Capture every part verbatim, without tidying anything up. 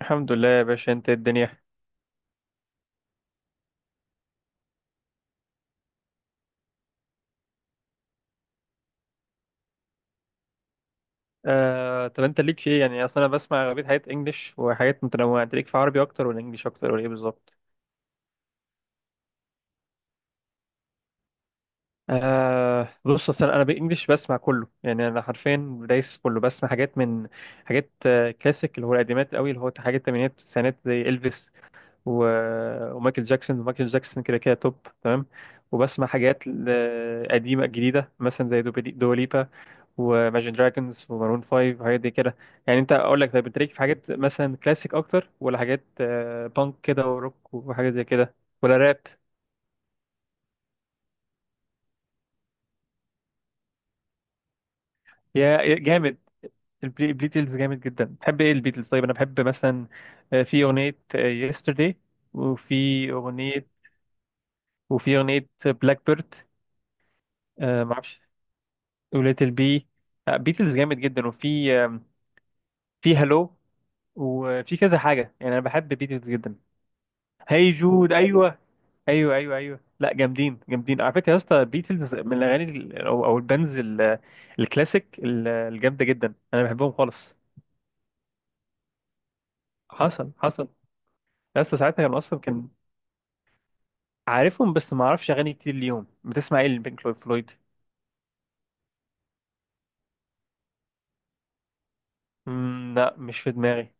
الحمد لله يا باشا، انت إيه الدنيا؟ آه، طب انت ليك في ايه؟ يعني اصلا انا بسمع اغلبيه حاجات انجلش وحاجات متنوعه. انت ليك في عربي اكتر ولا انجلش اكتر ولا ايه بالظبط؟ آه بص، اصلا انا بانجلش بسمع كله. يعني انا حرفيا دايس في كله، بسمع حاجات من حاجات آه، كلاسيك، اللي هو القديمات قوي، اللي هو حاجات الثمانينات والتسعينات زي الفيس و... ومايكل جاكسون. ومايكل جاكسون كده كده توب. تمام. وبسمع حاجات آه، قديمه جديده، مثلا زي دوبليبا وماجن دراجونز ومارون فايف وحاجات دي كده. يعني انت اقول لك، طيب انت ليك في حاجات مثلا كلاسيك اكتر ولا حاجات آه، بانك كده وروك وحاجات زي كده؟ ولا راب؟ يا جامد. البلي- البيتلز جامد جدا. بتحب ايه البيتلز؟ طيب انا بحب مثلا آه، في اغنية يسترداي. وفي اغنية وفي اغنية بلاك بيرد. ما اعرفش. وليتل بي. بيتلز جامد جدا. وفي آم، في هالو، وفي كذا حاجة. يعني انا بحب بيتلز جدا. هاي جود، ايوه. ايوه ايوه ايوه لا جامدين جامدين على فكره يا اسطى. بيتلز من الاغاني ال- او او البانز ال- الكلاسيك ال- الجامده جدا. انا بحبهم خالص. حصل، حصل. يا اسطى ساعتها كان اصلا كان عارفهم، بس ما اعرفش اغاني كتير. اليوم بتسمع ايه البينك فلويد؟ مم، لا مش في دماغي.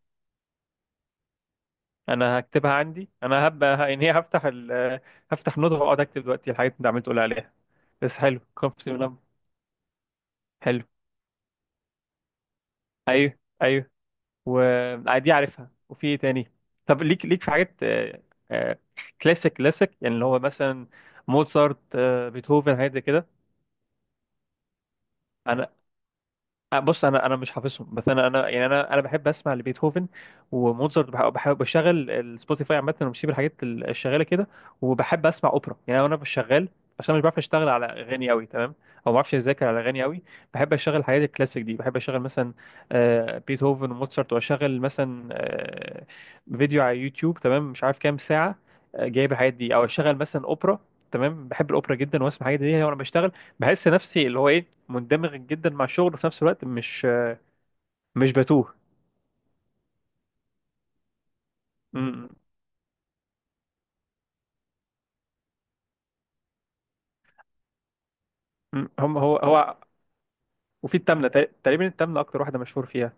انا هكتبها عندي. انا هبقى ه- يعني هي هفتح ال... هفتح نوت واقعد اكتب دلوقتي الحاجات اللي انت عمال تقول عليها. بس حلو كومفورت. حلو. ايوه، ايوه. ودي عارفها. وفي ايه تاني؟ طب ليك ليك في حاجات آه، آه، كلاسيك كلاسيك، يعني اللي هو مثلا موزارت، آه، بيتهوفن، حاجات زي كده؟ انا آه، بص، انا انا مش حافظهم، بس انا انا يعني انا انا بحب اسمع لبيتهوفن وموزارت. بح- بحب بشغل السبوتيفاي عامه، وبسيب الحاجات ال- الشغاله كده. وبحب اسمع اوبرا. يعني انا مش شغال عشان مش بعرف اشتغل على اغاني قوي. تمام. او ما بعرفش اذاكر على اغاني قوي. بحب اشغل الحاجات الكلاسيك دي. بحب اشغل مثلا آه، بيتهوفن وموزارت، واشغل مثلا آه، فيديو على يوتيوب. تمام. مش عارف كام ساعه آه، جايب الحاجات دي، او اشغل مثلا اوبرا. تمام. بحب الاوبرا جدا، واسمع الحاجات دي يعني وانا بشتغل. بحس نفسي اللي هو ايه، مندمج جدا مع الشغل، وفي نفس الوقت مش مش بتوه. م- م- هم هو هو. وفي التامنة تق- تقريبا، التامنة أكتر واحدة مشهور فيها.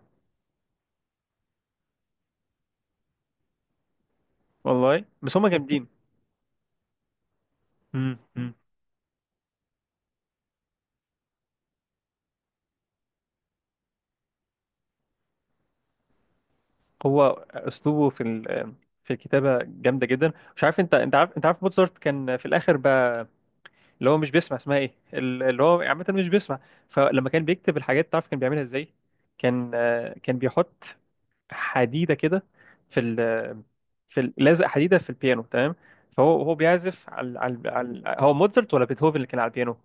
والله، بس هم جامدين. م- م. هو أسلوبه في ال- في الكتابة جامدة جدا. مش عارف، أنت أنت عارف؟ أنت عارف موتسارت كان في الآخر بقى اللي هو مش بيسمع؟ اسمها إيه ال- اللي هو عامة مش بيسمع. فلما كان بيكتب الحاجات، تعرف كان بيعملها إزاي؟ كان آه، كان بيحط حديده كده في ال في ال- لازق حديده في البيانو. تمام. فهو هو بيعزف على على على هو موتزارت ولا بيتهوفن اللي كان على البيانو؟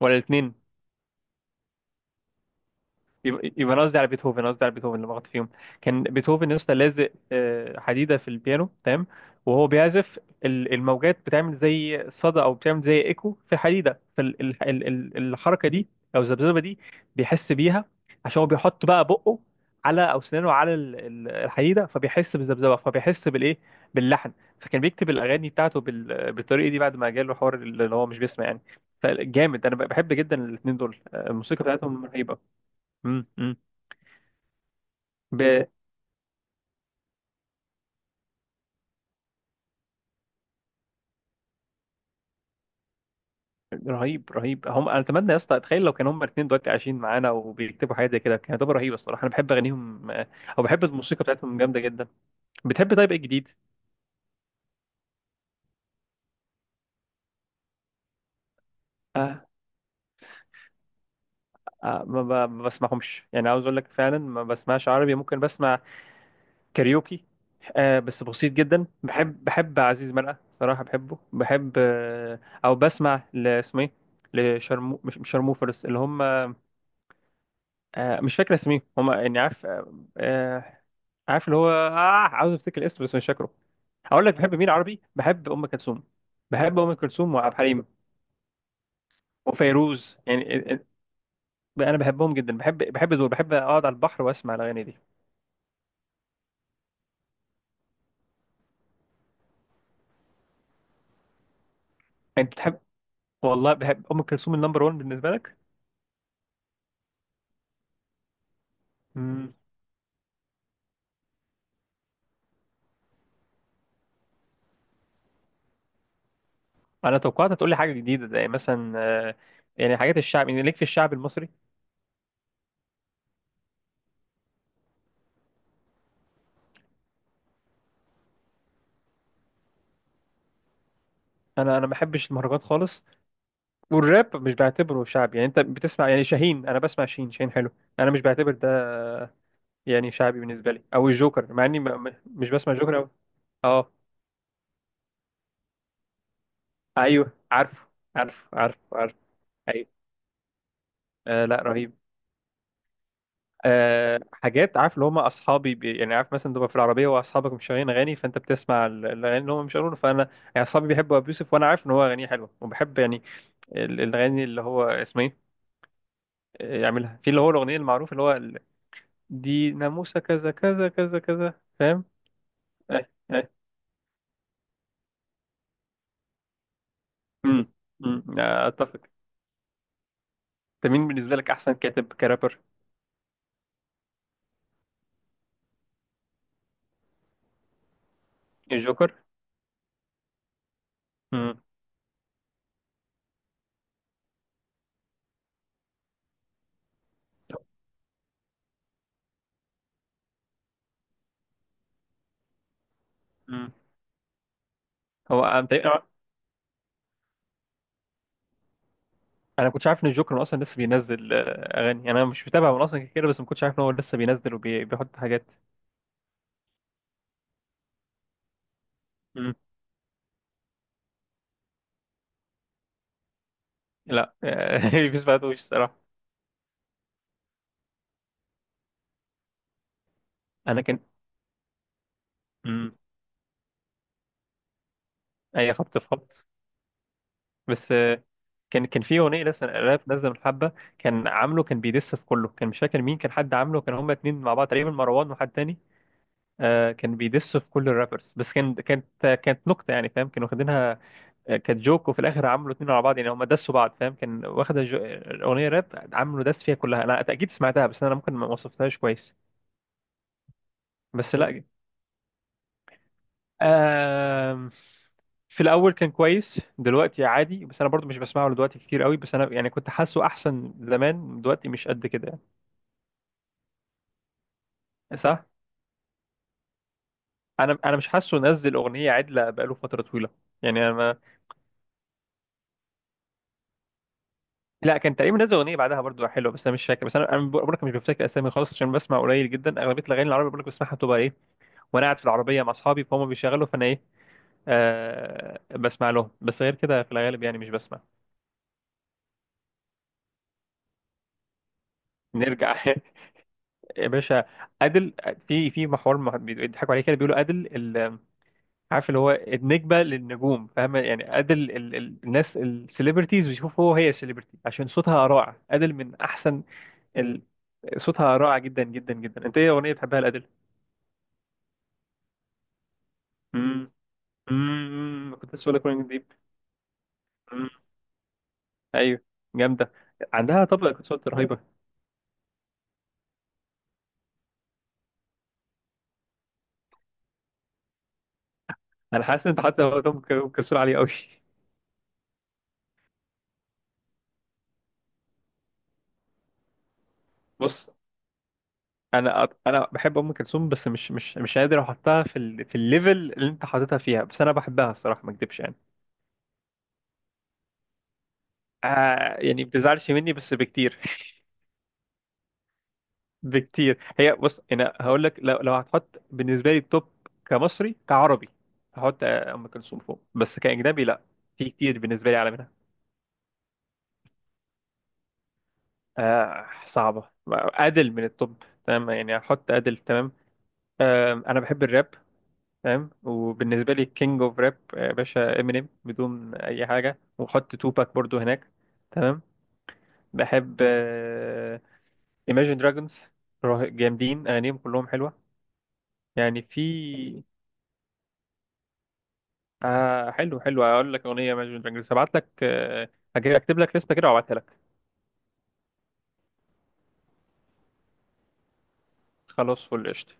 ولا الاثنين؟ يبقى يبقى انا قصدي على بيتهوفن. أنا قصدي على بيتهوفن اللي لغلط فيهم. كان بيتهوفن يا اسطى لازق آه، حديده في البيانو. تمام. وهو بيعزف. ال- الموجات بتعمل زي صدى، او بتعمل زي ايكو في حديده. فالحركه دي او الذبذبه دي بيحس بيها. عشان هو بيحط بقى بقه على او سنانه على ال- ال- الحديده، فبيحس بالذبذبه، فبيحس بالايه، باللحن. فكان بيكتب الاغاني بتاعته بال- بالطريقه دي بعد ما جاله حوار اللي هو مش بيسمع يعني. فجامد. انا بحب جدا الاثنين دول. آه، الموسيقى بتاعتهم رهيبه. امم امم. ب... رهيب، رهيب. هم انا اتمنى يا اسطى، اتخيل لو كانوا هم الاثنين دلوقتي عايشين معانا وبيكتبوا حاجه زي كده كانت هتبقى رهيبه الصراحه. انا بحب اغانيهم آه، او بحب الموسيقى بتاعتهم. جامده جدا. بتحب؟ طيب ايه جديد؟ آه. آه. ما, ب... ما بسمعهمش يعني. عاوز اقول لك فعلا ما بسمعش عربي. ممكن بسمع كاريوكي. آه، بس بسيط جدا. بحب بحب عزيز مرقه صراحه، بحبه. بحب آه، او بسمع ل- اسمه ايه، لشرمو. مش مش شرموفرز اللي هم آه، مش فاكر اسميهم. هم يعني عارف، آه آه، عارف اللي هو اه عاوز افتكر الاسم بس مش فاكره. هقول لك بحب مين عربي. بحب ام كلثوم. بحب ام كلثوم وعبد الحليم وفيروز. يعني ال- ال- انا بحبهم جدا. بحب بحب دول. بحب اقعد على البحر واسمع الاغاني دي. انت بتحب، والله بحب ام كلثوم. النمبر وان بالنسبه لك؟ امم. انا توقعت هتقول لي حاجه جديده، زي مثلا آه، يعني حاجات الشعب، يعني ليك في الشعب المصري. انا انا ما بحبش المهرجانات خالص. والراب مش بعتبره شعب. يعني انت بتسمع يعني شاهين؟ انا بسمع شاهين، شاهين حلو. انا مش بعتبر يعني شعبي بالنسبه لي، او الجوكر مع اني ما- ما- مش بسمع جوكر أوي. اه. ايوه. عارفه عارفه عارفه عارفه. ايوه. آه، لا رهيب. آه، حاجات عارف، اللي هم اصحابي بي. يعني عارف مثلا تبقى في العربيه واصحابك مش شغالين اغاني، فانت بتسمع ال- الاغاني اللي هم مش شغالين. فانا يعني اصحابي بيحبوا ابي يوسف، وانا عارف ان هو اغانيه حلوه وبحب يعني ال- الاغاني. اللي هو اسمه ايه، آه، يعملها في اللي هو الاغنيه المعروفه، اللي هو ال- دي ناموسه كذا كذا كذا كذا. فاهم؟ آه، آه. امم. امم آه، اتفق. انت مين بالنسبه لك احسن كاتب كرابر؟ الجوكر. امم. امم. هو انا تقريباً- انا كنتش عارف ان الجوكر اصلا لسه بينزل آه، اغاني. انا مش متابع من اصلا كتير، بس ما كنتش عارف ان هو لسه بينزل وبيحط حاجات. امم. لا. مفيش بعدوش الصراحه. انا كان. امم. اي خبط في خبط. بس آه، كان كان في اغنيه لسه آه، راب نازله من حبه. كان عامله، كان بيدس في كله. كان مش فاكر مين، كان حد عامله. كان هما اتنين مع بعض تقريبا، مروان وحد تاني. آه، كان بيدس في كل الرابرز، بس كان كانت كانت نكته يعني، فاهم، كانوا واخدينها كانت جوك. وفي الاخر عملوا اتنين على بعض. يعني هم دسوا بعض، فاهم؟ كان واخده جو... اغنيه راب عملوا دس فيها كلها. انا اكيد سمعتها، بس انا ممكن ما وصفتهاش كويس. بس لا. آم... في الاول كان كويس، دلوقتي عادي. بس انا برضو مش بسمعه دلوقتي كتير قوي. بس انا يعني كنت حاسه احسن زمان، دلوقتي مش قد كده يعني. صح. انا انا مش حاسه نزل اغنيه عدله بقاله فتره طويله. يعني انا ما... لا كان تقريبا نزل اغنيه بعدها برضو حلوه، بس انا مش فاكر. بس انا انا بقول لك مش بفتكر اسامي خالص، عشان بسمع قليل جدا. اغلبيه الاغاني العربيه بقول لك بسمعها، بتبقى ايه وانا قاعد في العربيه مع اصحابي، فهم بيشغلوا فانا ايه آه، بسمع لهم. بس غير كده في الغالب يعني مش بسمع. نرجع يا باشا. عادل. في في محور مح- بيضحكوا عليه كده، بيقولوا عادل ال- عارف اللي هو النجمه للنجوم، فاهم يعني. عادل ال- ال- الناس السليبرتيز بيشوفوا هو هي سليبرتي عشان صوتها رائع. عادل من احسن ال... صوتها رائع جدا جدا جدا. انت ايه اغنيه بتحبها لعادل؟ امم امم. كنت لسه بقول لك Rolling Deep. مم. ايوه. جامده. عندها طبقه صوت رهيبه. انا حاسس ان انت حتى وقت ام كلثوم عليه قوي. بص انا انا بحب ام كلثوم، بس مش مش مش قادر احطها في ال... في الليفل اللي انت حاططها فيها. بس انا بحبها الصراحه، ما اكدبش يعني. آه يعني ما بتزعلش مني بس بكتير بكتير. هي بص انا هقول لك، لو لو هتحط بالنسبه لي التوب كمصري كعربي، هحط آه، ام كلثوم فوق. بس كاجنبي لا، في كتير بالنسبه لي اعلى منها. آه صعبه. آه، ادل من التوب، تمام؟ يعني هحط ادل تمام. آه انا بحب الراب فاهم. وبالنسبه لي كينج اوف راب يا باشا امينيم بدون اي حاجه، وحط توباك برضو هناك. تمام. بحب ايماجين دراجونز، جامدين. اغانيهم كلهم حلوه. يعني في آه، حلو، حلو. هقول لك اغنيه ايماجين دراجونز، هبعت لك آه، هجي- هكتب لك لسته كده وابعتها لك. خلاص، فل قشطه.